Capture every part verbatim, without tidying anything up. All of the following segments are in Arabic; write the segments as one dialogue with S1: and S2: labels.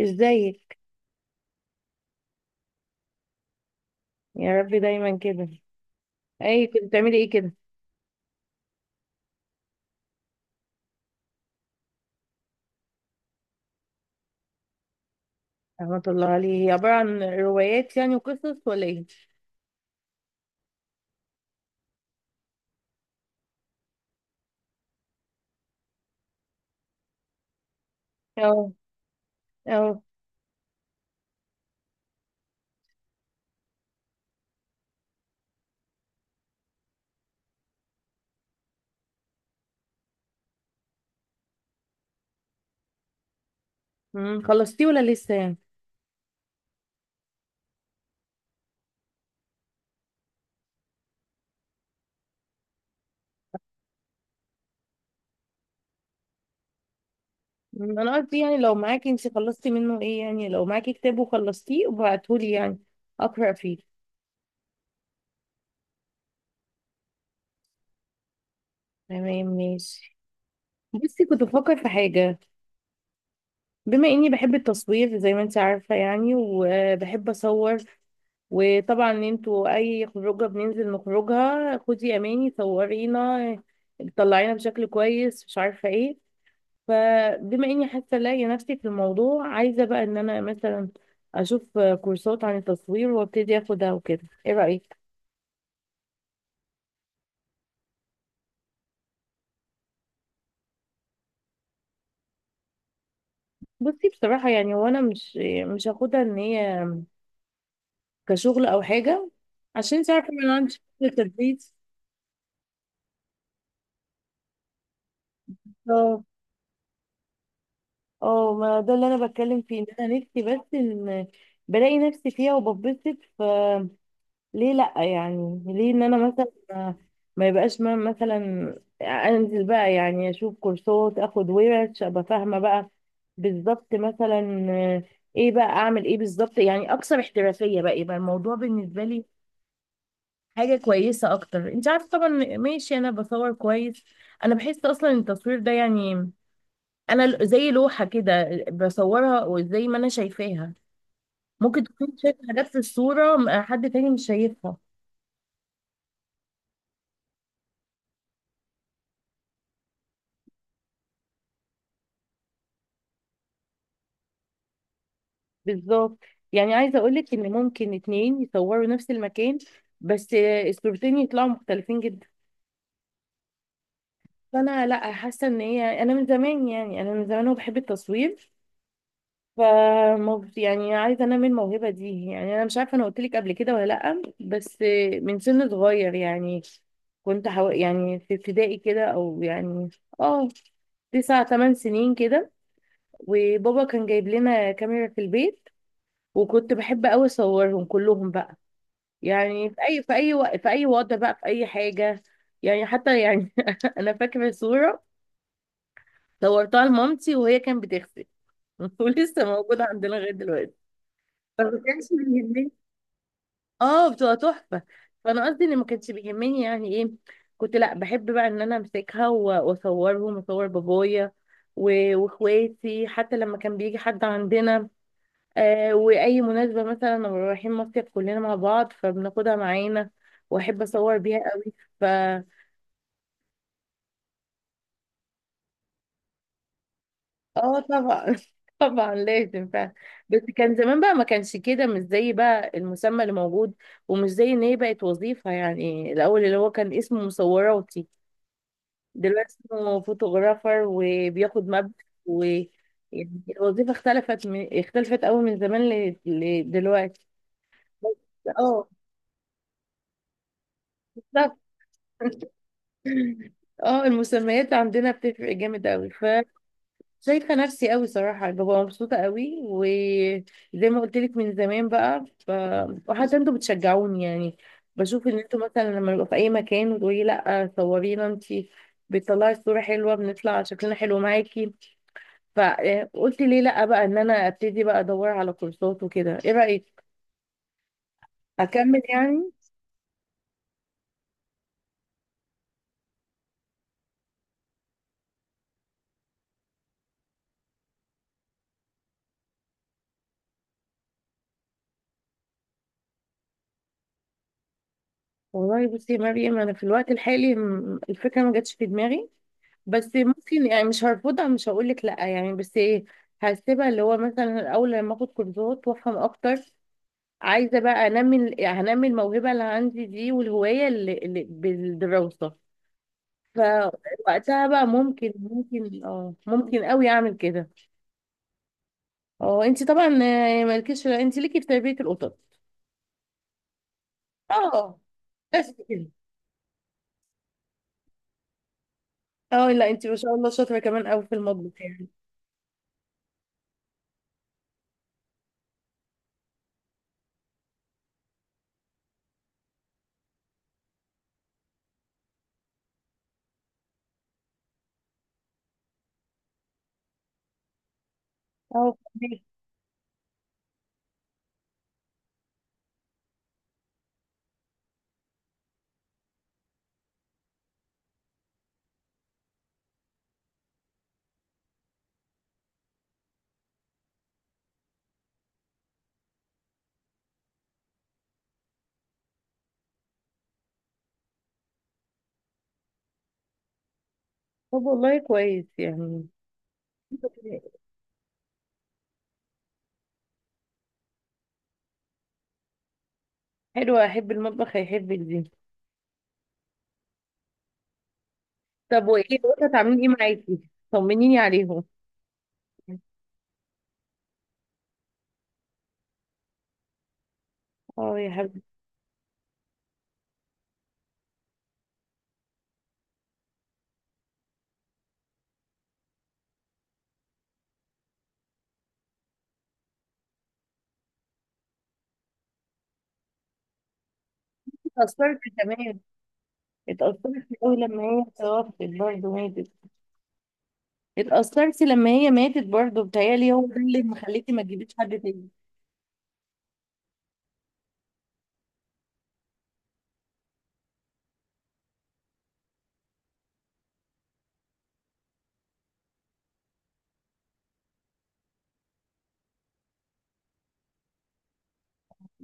S1: ازيك؟ يا رب دايما كده. اي، كنت بتعملي ايه كده؟ رحمة الله عليه. هي عبارة عن روايات يعني وقصص ولا ايه؟ اه. اه. أمم، خلصتيه ولا لسه يعني؟ أمم، انا قصدي يعني لو معاكي، انت خلصتي منه ايه، يعني لو معاكي كتاب وخلصتيه وبعتهولي يعني اقرا فيه. تمام، ماشي. بصي، كنت بفكر في حاجة. بما اني بحب التصوير زي ما انت عارفة يعني، وبحب اصور. وطبعا انتوا اي خروجه بننزل نخرجها، خدي اماني صورينا، طلعينا بشكل كويس، مش عارفه ايه. فبما اني حاسه الاقي نفسي في الموضوع، عايزه بقى ان انا مثلا اشوف كورسات عن التصوير وابتدي اخدها وكده، ايه رايك؟ بصي، بصراحه يعني وانا مش مش هاخدها ان هي كشغل او حاجه، عشان انت عارفه ان انا عندي شغل تدريس. اه، ما ده اللي انا بتكلم فيه ان انا نفسي بس ان بلاقي نفسي فيها وببسط، ف ليه لا يعني، ليه ان انا مثلا ما ما يبقاش، ما مثلا انزل بقى يعني اشوف كورسات، اخد ورش، ابقى فاهمه بقى بالظبط، مثلا آه، ايه بقى اعمل ايه بالظبط يعني، اكثر احترافيه بقى يبقى الموضوع بالنسبه لي حاجه كويسه اكتر، انت عارفه طبعا. ماشي، انا بصور كويس. انا بحس اصلا التصوير ده يعني انا ل- زي لوحه كده بصورها وزي ما انا شايفاها. ممكن تكون شايف حاجات في الصوره م- حد تاني مش شايفها. بالظبط. يعني عايزه اقول لك ان ممكن اتنين يصوروا نفس المكان، بس الصورتين يطلعوا مختلفين جدا. فانا، لا، حاسه ان هي انا من زمان يعني، انا من زمان وبحب التصوير. فمو- يعني عايزه انمي الموهبه دي يعني، انا مش عارفه انا قلت لك قبل كده ولا لا، بس من سن صغير يعني كنت حو... يعني في ابتدائي كده او يعني، اه، تسع تمن سنين كده. وبابا كان جايب لنا كاميرا في البيت. وكنت بحب قوي اصورهم كلهم بقى، يعني في اي في اي وق- في اي وضع بقى في اي حاجه. يعني حتى يعني انا فاكره صوره، صورتها لمامتي وهي كانت بتغسل. ولسه موجوده عندنا لغايه دلوقتي. فما كانش بيهمني. اه، بتبقى تحفه. فانا قصدي ان ما كانش بيهمني يعني ايه، كنت لا بحب بقى ان انا امسكها و- واصورهم واصور بابايا و- واخواتي حتى لما كان بيجي حد عندنا. آه واي مناسبه مثلا لما رايحين مصيف كلنا مع بعض فبناخدها معانا، واحب اصور بيها قوي. ف اه، طبعا، طبعا لازم فعلا. بس كان زمان بقى ما كانش كده، مش زي بقى المسمى اللي موجود، ومش زي ان هي بقت وظيفه يعني، الاول اللي هو كان اسمه مصوراتي. دلوقتي هو فوتوغرافر وبياخد مبلغ. و يعني الوظيفة اختلفت من... اختلفت قوي من زمان ل... لدلوقتي. بس. اه. بالظبط. اه، المسميات عندنا بتفرق جامد قوي. فشايفة نفسي قوي صراحة، ببقى مبسوطة قوي وزي ما قلت لك من زمان بقى ف... وحتى انتوا بتشجعوني يعني، بشوف ان انتوا مثلا لما نبقى في اي مكان وتقولي لا صورينا انتي، بتطلعي الصورة حلوة، بنطلع شكلنا حلو معاكي. فقلت ليه لا بقى ان انا ابتدي بقى ادور على كورسات وكده، ايه رايك؟ اكمل يعني. والله بصي يا مريم، انا في الوقت الحالي م- الفكره ما جاتش في دماغي. بس ممكن يعني، مش هرفضها، مش هقول لك لا يعني، بس ايه، هسيبها اللي هو مثلا الاول لما اخد كورسات وافهم اكتر. عايزه بقى انمي ال- يعني هنمي الموهبه اللي عندي دي والهوايه اللي, اللي بالدراسه. فوقتها بقى ممكن ممكن اه ممكن قوي اعمل كده. اه، انت طبعا، آه، مالكيش انت ليكي في تربية القطط. اه، بس كده. اه، لا، انت ما شاء الله شاطرة كمان قوي في المطبخ يعني. اه، فهمك. طب، والله كويس يعني. حلوة احب المطبخ هيحبك دي. طب، وايه القطط عاملين ايه معاكي؟ طمنيني عليهم. اه، يا حبيبتي. اتأثرت كمان. اتأثرت قوي لما هي توفت برضه، ماتت. اتأثرتي لما هي ماتت برضه، بتهيألي هو ده اللي مخليكي ما تجيبيش حد تاني.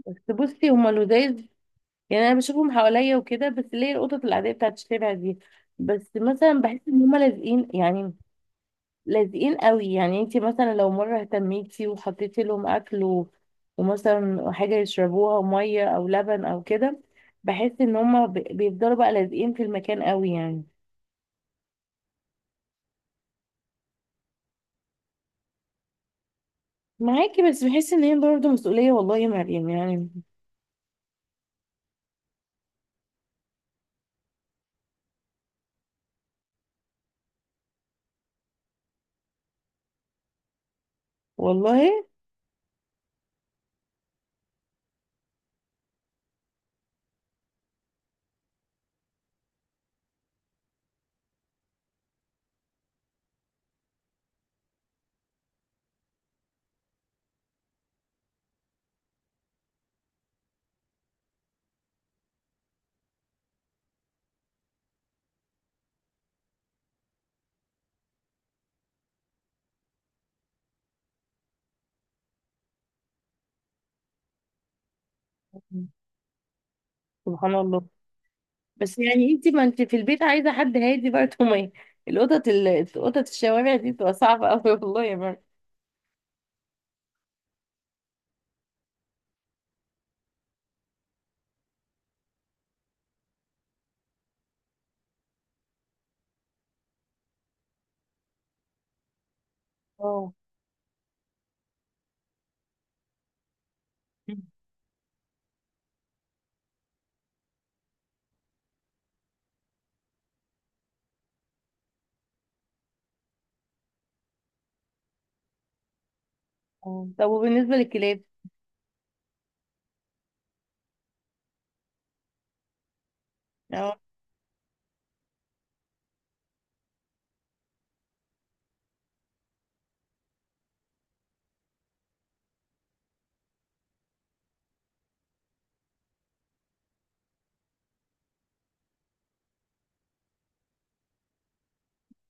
S1: بس بصي، هما لذاذ. يعني انا بشوفهم حواليا وكده، بس ليه القطط العاديه بتاعت الشارع دي، بس مثلا بحس ان هما لازقين يعني، لازقين قوي. يعني انت مثلا لو مره اهتميتي وحطيتي لهم اكل و- ومثلا حاجه يشربوها ميه او لبن او كده، بحس ان هما ب- بيفضلوا بقى لازقين في المكان قوي يعني. معاكي، بس بحس ان هي برضه مسؤوليه، والله يا مريم يعني. والله. سبحان الله. بس يعني انت، ما انت في البيت عايزه حد هادي برضه، ما القطط ال- قطط الشوارع دي بتبقى صعبه قوي، والله يا مرة. اه. اه. طب، وبالنسبه للكلاب؟ اه.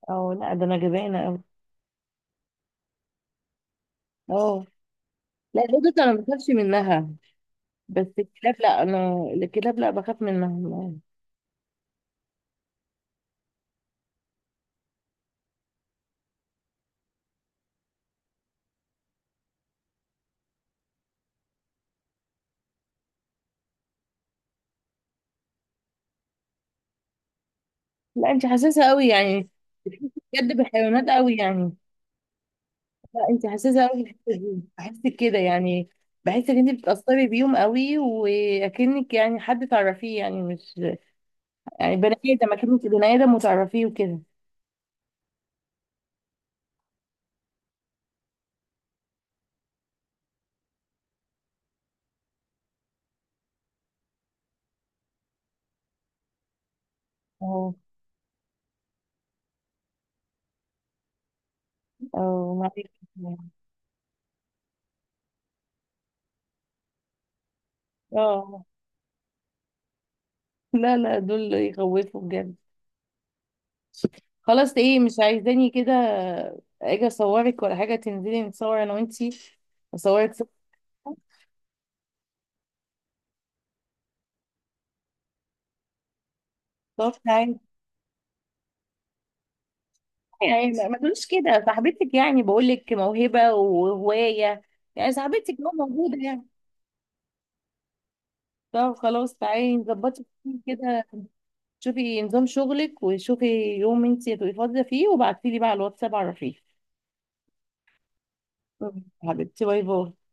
S1: اه. لا، ده انا جبانه قوي. اه، لا، القطط انا ما بخافش منها. بس الكلاب، لا، انا الكلاب لا بخاف منها. لا، انت حساسه قوي يعني. بتحسي بجد بالحيوانات قوي يعني. لا، انت حساسه قوي في الحتة دي. بحسك كده يعني. بحس ان انت بتتاثري بيهم قوي واكنك يعني حد تعرفيه، يعني مش، يعني بني ادم، اكنك بني ادم وتعرفيه وكده. اه. اه. معلش. اه، لا، لا، دول يخوفوا بجد. خلاص، ايه مش عايزاني كده؟ اجي اصورك ولا حاجه؟ تنزلي نتصور انا وانتي؟ اصورك صور. طب تعالي، يعني ما ما تقوليش كده، صاحبتك يعني بقول لك موهبه وهوايه، يعني صاحبتك هو موجوده يعني. طب خلاص تعالي نظبطي كده، شوفي نظام شغلك وشوفي يوم انتي هتبقي فاضيه فيه، وبعتيلي بقى على الواتساب عرفيني. حبيبتي، باي باي.